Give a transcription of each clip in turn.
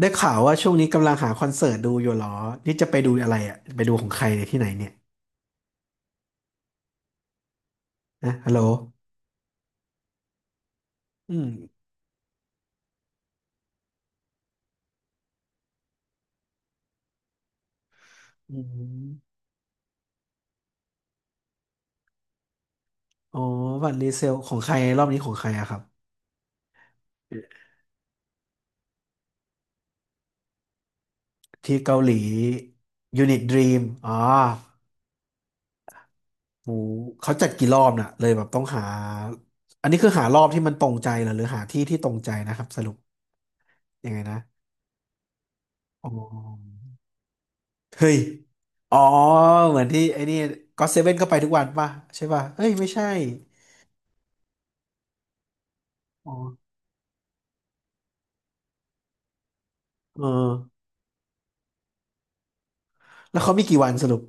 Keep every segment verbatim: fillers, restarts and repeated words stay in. ได้ข่าวว่าช่วงนี้กำลังหาคอนเสิร์ตดูอยู่เหรอนี่จะไปดูอะไรอ่ะไปดูของใครเนี่ยที่ไหนเนี่ยนะฮัลโหลอืมอืมอ๋อบัตรรีเซลของใครรอบนี้ของใครอะครับที่เกาหลียูนิตดรีมอ๋อหมูเขาจัดกี่รอบน่ะเลยแบบต้องหาอันนี้คือหารอบที่มันตรงใจเหรอหรือหาที่ที่ตรงใจนะครับสรุปยังไงนะอ๋อเฮ้ยอ๋อเหมือนที่ไอ้นี่ก็เซเว่นก็ไปทุกวันป่ะใช่ป่ะเอ้ยไม่ใช่อ๋อเออ แล้วเขามีกี่วันสรุป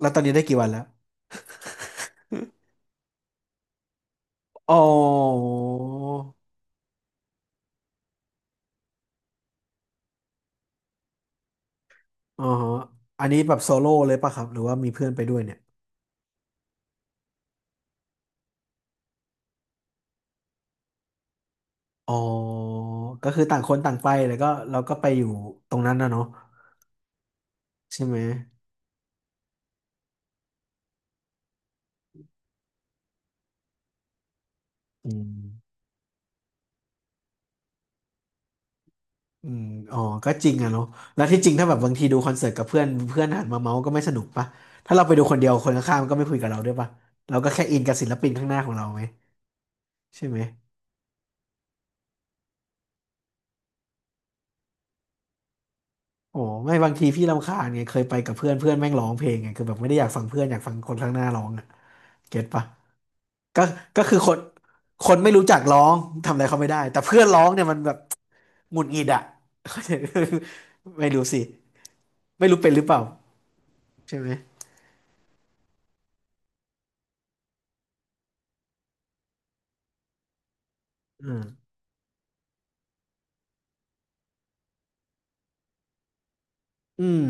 แล้วตอนนี้ได้กี่วันแล้วอ๋ออ๋อฮะอันนี้แบบโซโล่เลยป่ะครับ หรือว่ามีเพื่อนไปด้วยเนี่ยอ๋อก็คือต่างคนต่างไปแล้วก็เราก็ไปอยู่ตรงนั้นนะเนาะใช่ไหมอืมอืมอ๋อก็จริงอะเนาะแล้วที่จริงถ้าแบบบางทีดูคอนเสิร์ตกับเพื่อนเพื่อนหันมาเมาส์ก็ไม่สนุกป่ะถ้าเราไปดูคนเดียวคนข้างๆมันก็ไม่คุยกับเราด้วยป่ะเราก็แค่อินกับศิลปินข้างหน้าของเราไหมใช่ไหม โอ้ไม่บางทีพี่รำคาญไงเคยไปกับเพื่อนเพื่อนแม่งร้องเพลงไงคือแบบไม่ได้อยากฟังเพื่อนอยากฟังคนข้างหน้าร้องอ่ะเก็ตปะก็ก็คือคนคนไม่รู้จักร้องทำอะไรเขาไม่ได้แต่เพื่อนร้องเนี่ยมันแบบหงุดหงิดอ่ะ เข้าใจไม่รู้สิไม่รู้เป็นหรือเปล่าใช่ไหมอืมอืม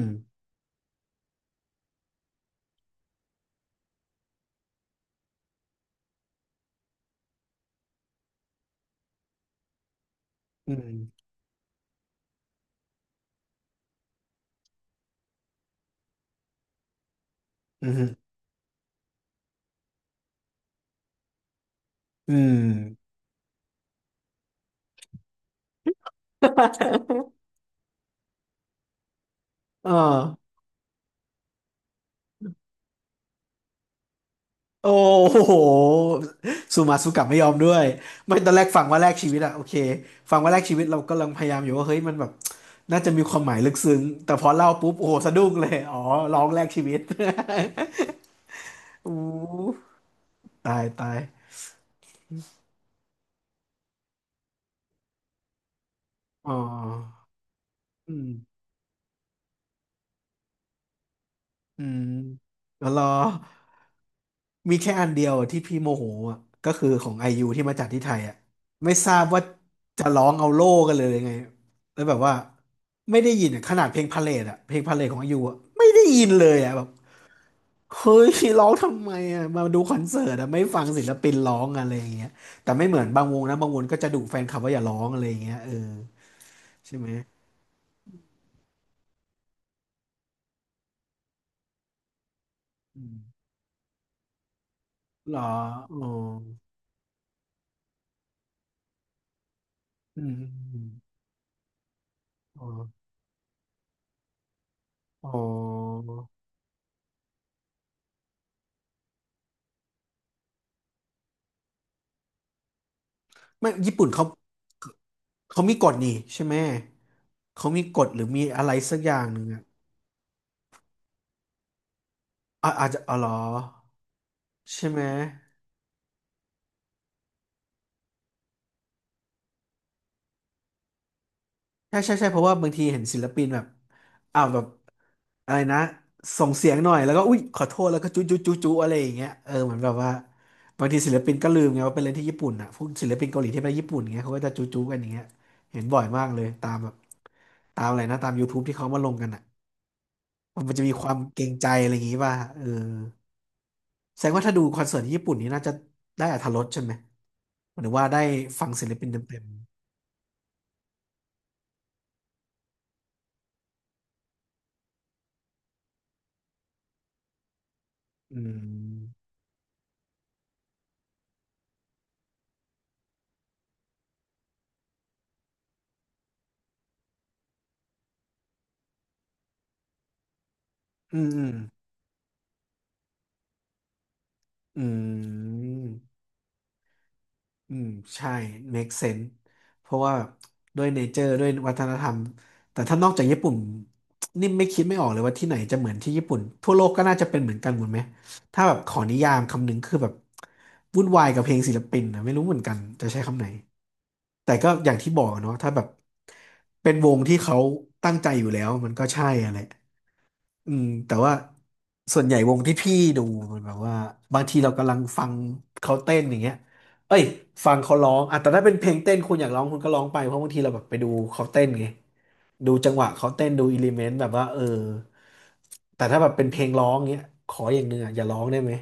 อืมอืมอืม เออ โอ้โหซูมาซูกลับไม่ยอมด้วยไม่ตอนแรกฟังว่าแลกชีวิตอะโอเคฟังว่าแลกชีวิตเรากำลังพยายามอยู่ว่าเฮ้ยมันแบบน่าจะมีความหมายลึกซึ้งแต่พอเล่าปุ๊บโอ้โหสะดุ้งเลยอ๋อร้องแลกชีวิต อู้ตายตายอ๋ออืมอืมแล้วรอ มีแค่อันเดียวที่พี่โมโหอ่ะก็คือของไอยูที่มาจัดที่ไทยอ่ะไม่ทราบว่าจะร้องเอาโล่กันเลยยังไงแล้วแบบว่าไม่ได้ยินอะขนาดเพลงพาเลทอ่ะเพลงพาเลทของไอยูอ่ะไม่ได้ยินเลยอ่ะแบบเฮ้ยร้องทำไมอ่ะมาดูคอนเสิร์ตอ่ะไม่ฟังศิลปินร้องอะไรอย่างเงี้ยแต่ไม่เหมือนบางวงนะบางวงก็จะดุแฟนคลับว่าอย่าร้องอะไรอย่างเงี้ยเออใช่ไหมอืมเหรออ๋ออืมอมอ๋ออ๋อไม่ญี่ปุ่นเขา เขามีกฎนี่ใช่ไหมเขามีกฎหรือมีอะไรสักอย่างหนึ่งอะอ่ะอาจจะอ๋อเหรอใช่ไหมใช่ใช่ใช่เพราะว่าบางทีเห็นศิลปินแบบอ้าวแบบอะไรนะส่งเสียงหน่อยแล้วก็อุ๊ยขอโทษแล้วก็จุ๊จุ๊จุ๊จุ๊อะไรอย่างเงี้ยเออเหมือนแบบว่าบางทีศิลปินก็ลืมไงว่าเป็นเรื่องที่ญี่ปุ่นอ่ะพวกศิลปินเกาหลีที่ไปญี่ปุ่นเงี้ยเขาก็จะจุ๊จุ๊กันอย่างเงี้ยเห็นบ่อยมากเลยตามแบบตามอะไรนะตาม ยู ทูป ที่เขามาลงกันอ่ะมันจะมีความเกรงใจอะไรอย่างงี้ป่ะเออ แสดงว่าถ้าดูคอนเสิร์ตที่ญี่ปุ่นนี้น่าจะได้อรรถรสใช่ไหมหมายถึงว่าได้ฟังศิลปินเต็มๆอืมอืมอืมอืม อืมใช่ make sense เพราะว่าด้วยเนเจอร์ด้วยวัฒนธรรมแต่ถ้านอกจากญี่ปุ่นนี่ไม่คิดไม่ออกเลยว่าที่ไหนจะเหมือนที่ญี่ปุ่นทั่วโลกก็น่าจะเป็นเหมือนกันหมดไหมถ้าแบบขอนิยามคำหนึ่งคือแบบวุ่นวายกับเพลงศิลปินนะไม่รู้เหมือนกันจะใช้คำไหนแต่ก็อย่างที่บอกอะเนาะถ้าแบบเป็นวงที่เขาตั้งใจอยู่แล้วมันก็ใช่อะไร อืมแต่ว่าส่วนใหญ่วงที่พี่ดูมันแบบว่าบางทีเรากำลังฟังเขาเต้นอย่างเงี้ยเอ้ยฟังเขาร้องอ่ะแต่ถ้าเป็นเพลงเต้นคุณอยากร้องคุณก็ร้องไปเพราะบางทีเราแบบไปดูเขาเต้นไงดูจังหวะเขาเต้นดูอิเลเมนต์แบบว่าเออแต่ถ้าแบบเป็นเพลงร้องเงี้ยขออย่างหนึ่งอ่ะอย่าร้องได้ไหม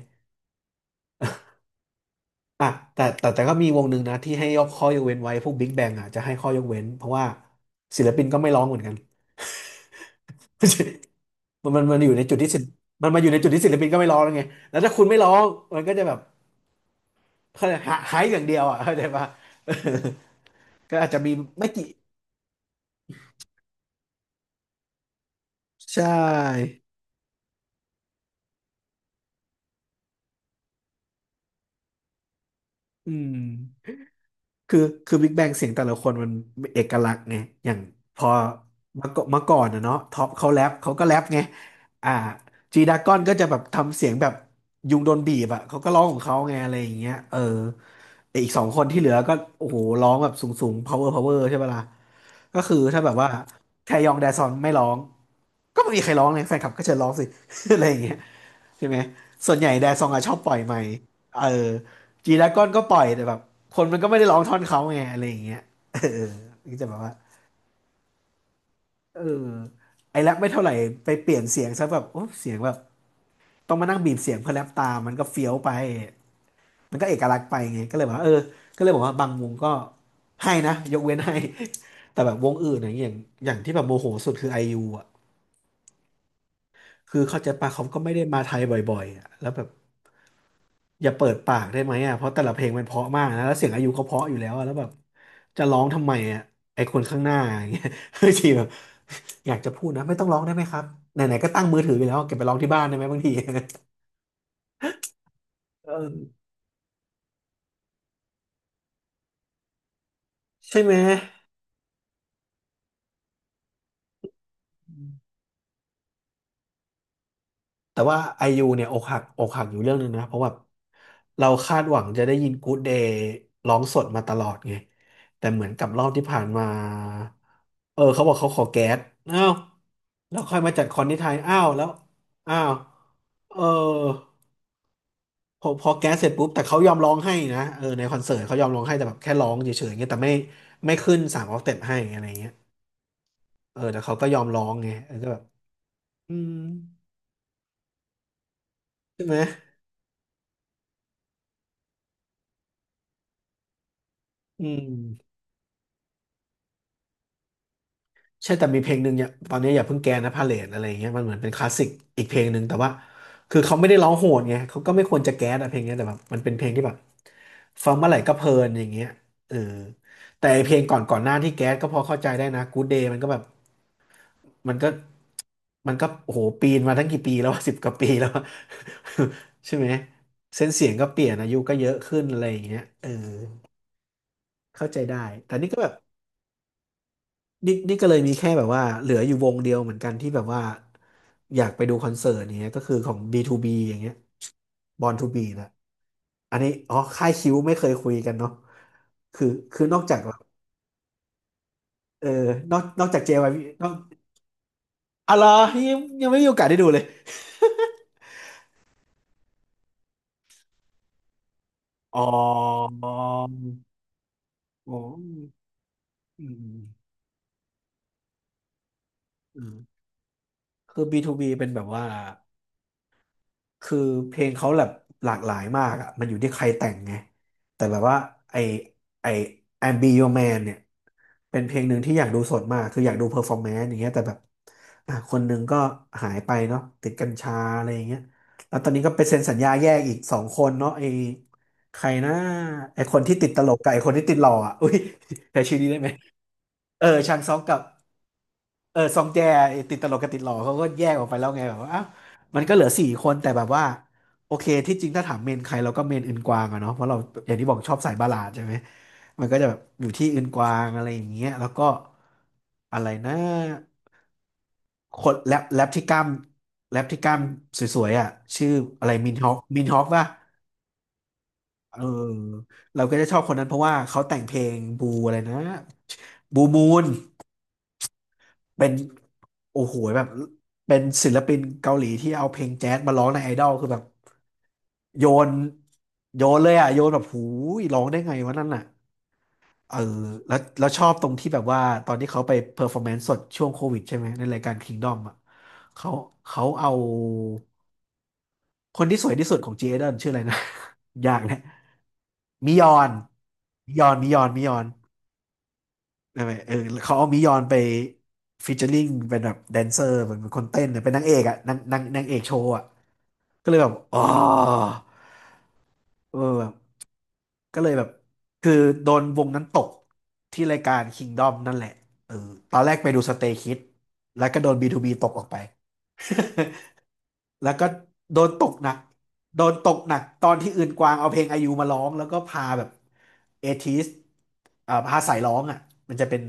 อ่ะแต่แต่แต่ก็มีวงหนึ่งนะที่ให้ยกข้อยกเว้นไว้พวกบิ๊กแบงอ่ะจะให้ข้อยกเว้นเพราะว่าศิลปินก็ไม่ร้องเหมือนกัน มันมันมันอยู่ในจุดที่ศิลป์มันมาอยู่ในจุดที่ศิลปินก็ไม่ร้องแล้วไงแล้วถ้าคุณไม่ร้องมันก็จะแบบเขาเรียกหาหายอย่างเดียวอ่ะเข้าใจปะ ก็อาจจะมีไม่กี่ใช่อืมคือคือบิ๊กแบงเสียงแต่ละคนมันเอกลักษณ์ไงอย่างพอเมื่อก่อนเมื่อก่อนนะเนาะท็อปเขาแรปเขาก็แรปไงอ่าจีดากอนก็จะแบบทำเสียงแบบยุงโดนบีบอ่ะเขาก็ร้องของเขาไงอะไรอย่างเงี้ยเออไอ้อีกสองคนที่เหลือก็โอ้โหร้องแบบสูงๆ power power ใช่ปะล่ะ ก็คือถ้าแบบว่าแทยองแดซอนไม่ร้องก็ไม่มีใครร้องเลยแฟนคลับก็เชิญร้องสิ อะไรอย่างเงี้ยใช่ไหมส่วนใหญ่แดซองอะชอบปล่อยใหม่เออจีดราก้อนก็ปล่อยแต่แบบคนมันก็ไม่ได้ร้องท่อนเขาไงอะไรอย่างเงี้ย เออก็จะแบบว่าเออไอ้แรปไม่เท่าไหร่ไปเปลี่ยนเสียงซะแบบโอ้เสียงแบบ ต้องมานั่งบีบเสียงเพื่อแรปตามมันก็เฟี้ยวไป มันก็เอกลักษณ์ไปไงก็เลยบอกว่าเออก็เลยบอกว่าบางวงก็ให้นะยกเว้นให้ แต่แบบวงอื่นอย่างอย่างอย่างที่แบบโมโหสุดคือไอยูอ่ะคือเขาใจปะเขาก็ไม่ได้มาไทยบ่อยๆอ่ะแล้วแบบอย่าเปิดปากได้ไหมอ่ะเพราะแต่ละเพลงมันเพราะมากนะแล้วเสียงอายเขาเพราะอยู่แล้วอะแล้วแบบจะร้องทำไมอ่ะไอคนข้างหน้าอย่างเงี้ย บางทีแบบอยากจะพูดนะไม่ต้องร้องได้ไหมครับไหนๆก็ตั้งมือถือไปแล้วเก็บไปร้องที่บ้านได้ไหมบางที เออใช่ไหม แต่ว่าไอยูเนี่ยอกหักอกหักอยู่เรื่องหนึงนะเพราะว่าเราคาดหวังจะได้ยินกู๊ดเดย์ร้องสดมาตลอดไงแต่เหมือนกับรอบที่ผ่านมาเออเขาบอกเขาขอแก๊สอ้าวแล้วค่อยมาจัดคอนที่ไทยอ้าวแล้วอ้าวเออพอพอแก๊สเสร็จปุ๊บแต่เขายอมร้องให้นะเออในคอนเสิร์ตเขายอมร้องให้แต่แบบแค่ร้องเฉยๆเงี้ยแต่ไม่ไม่ขึ้นสามออกเต็ปให้อะไรเงี้ยเออแต่เขาก็ยอมร้องไงเออก็แบบอืมใช่ไหมอืม ใช่แต่มีเพลงหนึ่งเนี่ยตอนนี้อย่าเพิ่งแกนะพาเลทอะไรอย่างเงี้ยมันเหมือนเป็นคลาสสิกอีกเพลงหนึ่งแต่ว่าคือเขาไม่ได้ร้องโหดไงเขาก็ไม่ควรจะแก๊สอะเพลงเนี้ยแต่แบบมันเป็นเพลงที่แบบฟังเมื่อไหร่ก็เพลินอย่างเงี้ยเออแต่ไอเพลงก่อนก่อนหน้าที่แก๊สก็พอเข้าใจได้นะ Good Day มันก็แบบมันก็มันก็โอ้โหปีนมาตั้งกี่ปีแล้ว สิบกว่าปีแล้วอะ ใช่ไหมเส้นเสียงก็เปลี่ยนอายุก็เยอะขึ้นอะไรอย่างเงี้ยเออเข้าใจได้แต่นี่ก็แบบ นี่นี่ก็เลยมีแค่แบบว่าเหลืออยู่วงเดียวเหมือนกันที่แบบว่าอยากไปดูคอนเสิร์ตเนี้ยก็คือของ บี ทู บี อย่างเงี้ย Born to Be นะอันนี้อ๋อค่ายคิวไม่เคยคุยกันเนาะคือคือนอกจากแบบเออนอกนอกจาก เจ วาย พี นอกอะไรอยังยังไม่มีโอกาสได้ดูเลยอ๋ออ๋ออืมอืมอืมคือ บี ทู บี เป็นแบบว่า คือเพลงเขาแบบหลากหลายมากอ่ะมันอยู่ที่ใครแต่งไงแต่แบบว่าไอไอ I'm Be Your Man เนี่ยเป็นเพลงหนึ่งที่อยากดูสดมากคืออยากดูเพอร์ฟอร์แมนซ์อย่างเงี้ยแต่แบบอ่ะคนหนึ่งก็หายไปเนาะติดกัญชาอะไรอย่างเงี้ยแล้วตอนนี้ก็ไปเซ็นสัญญาแยกอีกสองคนเนาะไอใครนะไอคนที่ติดตลกกับไอคนที่ติดหล่ออ่ะอุ้ย แต่ชื่อนี้ได้ไหมเออชางซอกกับ เออซองแจไอ้ติดตลกกับติดหล่อเขาก็แยกออกไปแล้วไงแบบว่าอ้าวมันก็เหลือสี่คนแต่แบบว่าโอเคที่จริงถ้าถามเมนใครเราก็เมนอื่นกวางอะเนาะเพราะเราอย่างที่บอกชอบสายบัลลาดใช่ไหมมันก็จะแบบอยู่ที่อืนกวางอะไรอย่างเงี้ยแล้วก็อะไรนะคนแรปแรปที่กล้ามแรปที่กล้ามสวยๆอ่ะชื่ออะไรมินฮอคมินฮอคป่ะเออเราก็จะชอบคนนั้นเพราะว่าเขาแต่งเพลงบูอะไรนะบูมูน เป็นโอ้โหแบบเป็นศิลปินเกาหลีที่เอาเพลงแจ๊สมาร้องในไอดอลคือแบบโยนโยนเลยอ่ะโยนแบบหูยร้องได้ไงวะนั่นน่ะเออแล้วแล้วชอบตรงที่แบบว่าตอนที่เขาไปเพอร์ฟอร์แมนซ์สดช่วงโควิดใช่ไหมในรายการ Kingdom อ่ะเขาเขาเอาคนที่สวยที่สุดของจีเอเดนชื่ออะไรนะ ยากนะมิยอนมิยอนมิยอนมิยอน ใช่ไหมเออเขาเอามิยอนไปฟีเจอริงเป็นแบบแดนเซอร์เหมือนเป็นคนเต้นเนี่ยเป็นนางเอกอะนางนางนางเอกโชว์อะก็เลยแบบอ๋อเออแบบก็เลยแบบคือโดนวงนั้นตกที่รายการ Kingdom นั่นแหละเออตอนแรกไปดู Stray Kids แล้วก็โดน บี ทู บี ตกออกไป แล้วก็โดนตกหนักโดนตกหนักตอนที่อื่นกวางเอาเพลงไอายุมาร้องแล้วก็พาแบบเอทิสอ่าพาสายร้องอ่ะมันจะเป็น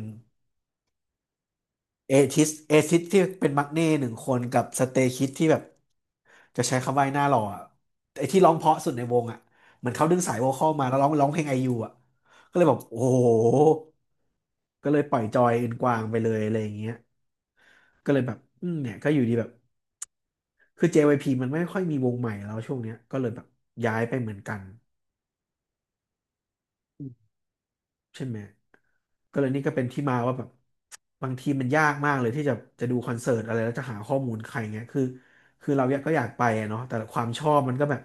เอทิสเอทิสที่เป็นมักเน่หนึ่งคนกับสเตคิดที่แบบจะใช้คำว่าไอ้หน้าหล่ออะไอ้ที่ร้องเพราะสุดในวงอ่ะเหมือนเขาดึงสายโวคอลมาแล้วร้องร้องเพลงไอยูอ่ะก็เลยแบบโอ้โหก็เลยปล่อยจอยอื่นกวางไปเลยอะไรอย่างเงี้ยก็เลยแบบอืมเนี่ยก็อยู่ดีแบบคือ เจ วาย พี มันไม่ค่อยมีวงใหม่แล้วช่วงเนี้ยก็เลยแบบย้ายไปเหมือนกัน ใช่ไหมก็เลยนี่ก็เป็นที่มาว่าแบบบางทีมันยากมากเลยที่จะจะดูคอนเสิร์ตอะไรแล้วจะหาข้อมูลใครเงี้ยคือคือเราอยากก็อยากไปอะเนาะแต่ความชอบมันก็แบบ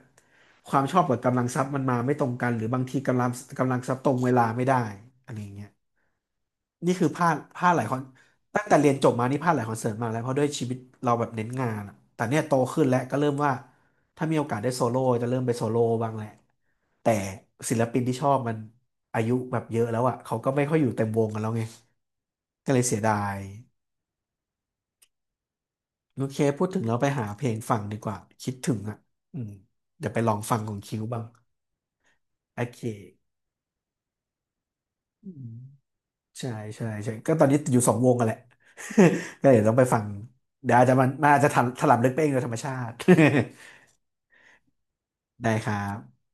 ความชอบกับกำลังทรัพย์มันมาไม่ตรงกันหรือบางทีกำลังกำลังทรัพย์ตรงเวลาไม่ได้อะไรอย่างเงี้ยนี่คือพลาดพลาดหลายคอนตั้งแต่เรียนจบมานี่พลาดหลายคอนเสิร์ตมากแล้วเพราะด้วยชีวิตเราแบบเน้นงานอะแต่เนี่ยโตขึ้นแล้วก็เริ่มว่า ถ้ามีโอกาสได้โซโล่จะเริ่มไปโซโล่บ้างแหละแต่ศิลปินที่ชอบมันอายุแบบเยอะแล้วอ่ะเขาก็ไม่ค่อยอยู่เต็มวงกันแล้วไงก็เลยเสียดายโอเคพูดถึงเราไปหาเพลงฟังดีกว่าคิดถึงอ่ะอืมเดี๋ยวไปลองฟังของคิวบ้างโอเคอืมใช่ใช่ใช่ก็ตอนนี้อยู่สองวงกันแหละ ก็เดี๋ยวต้องไปฟังเดี๋ยวอาจจะมันมันอาจจะถลำถลำลึกไปเองโดยธรรมชาติ ได้ครับ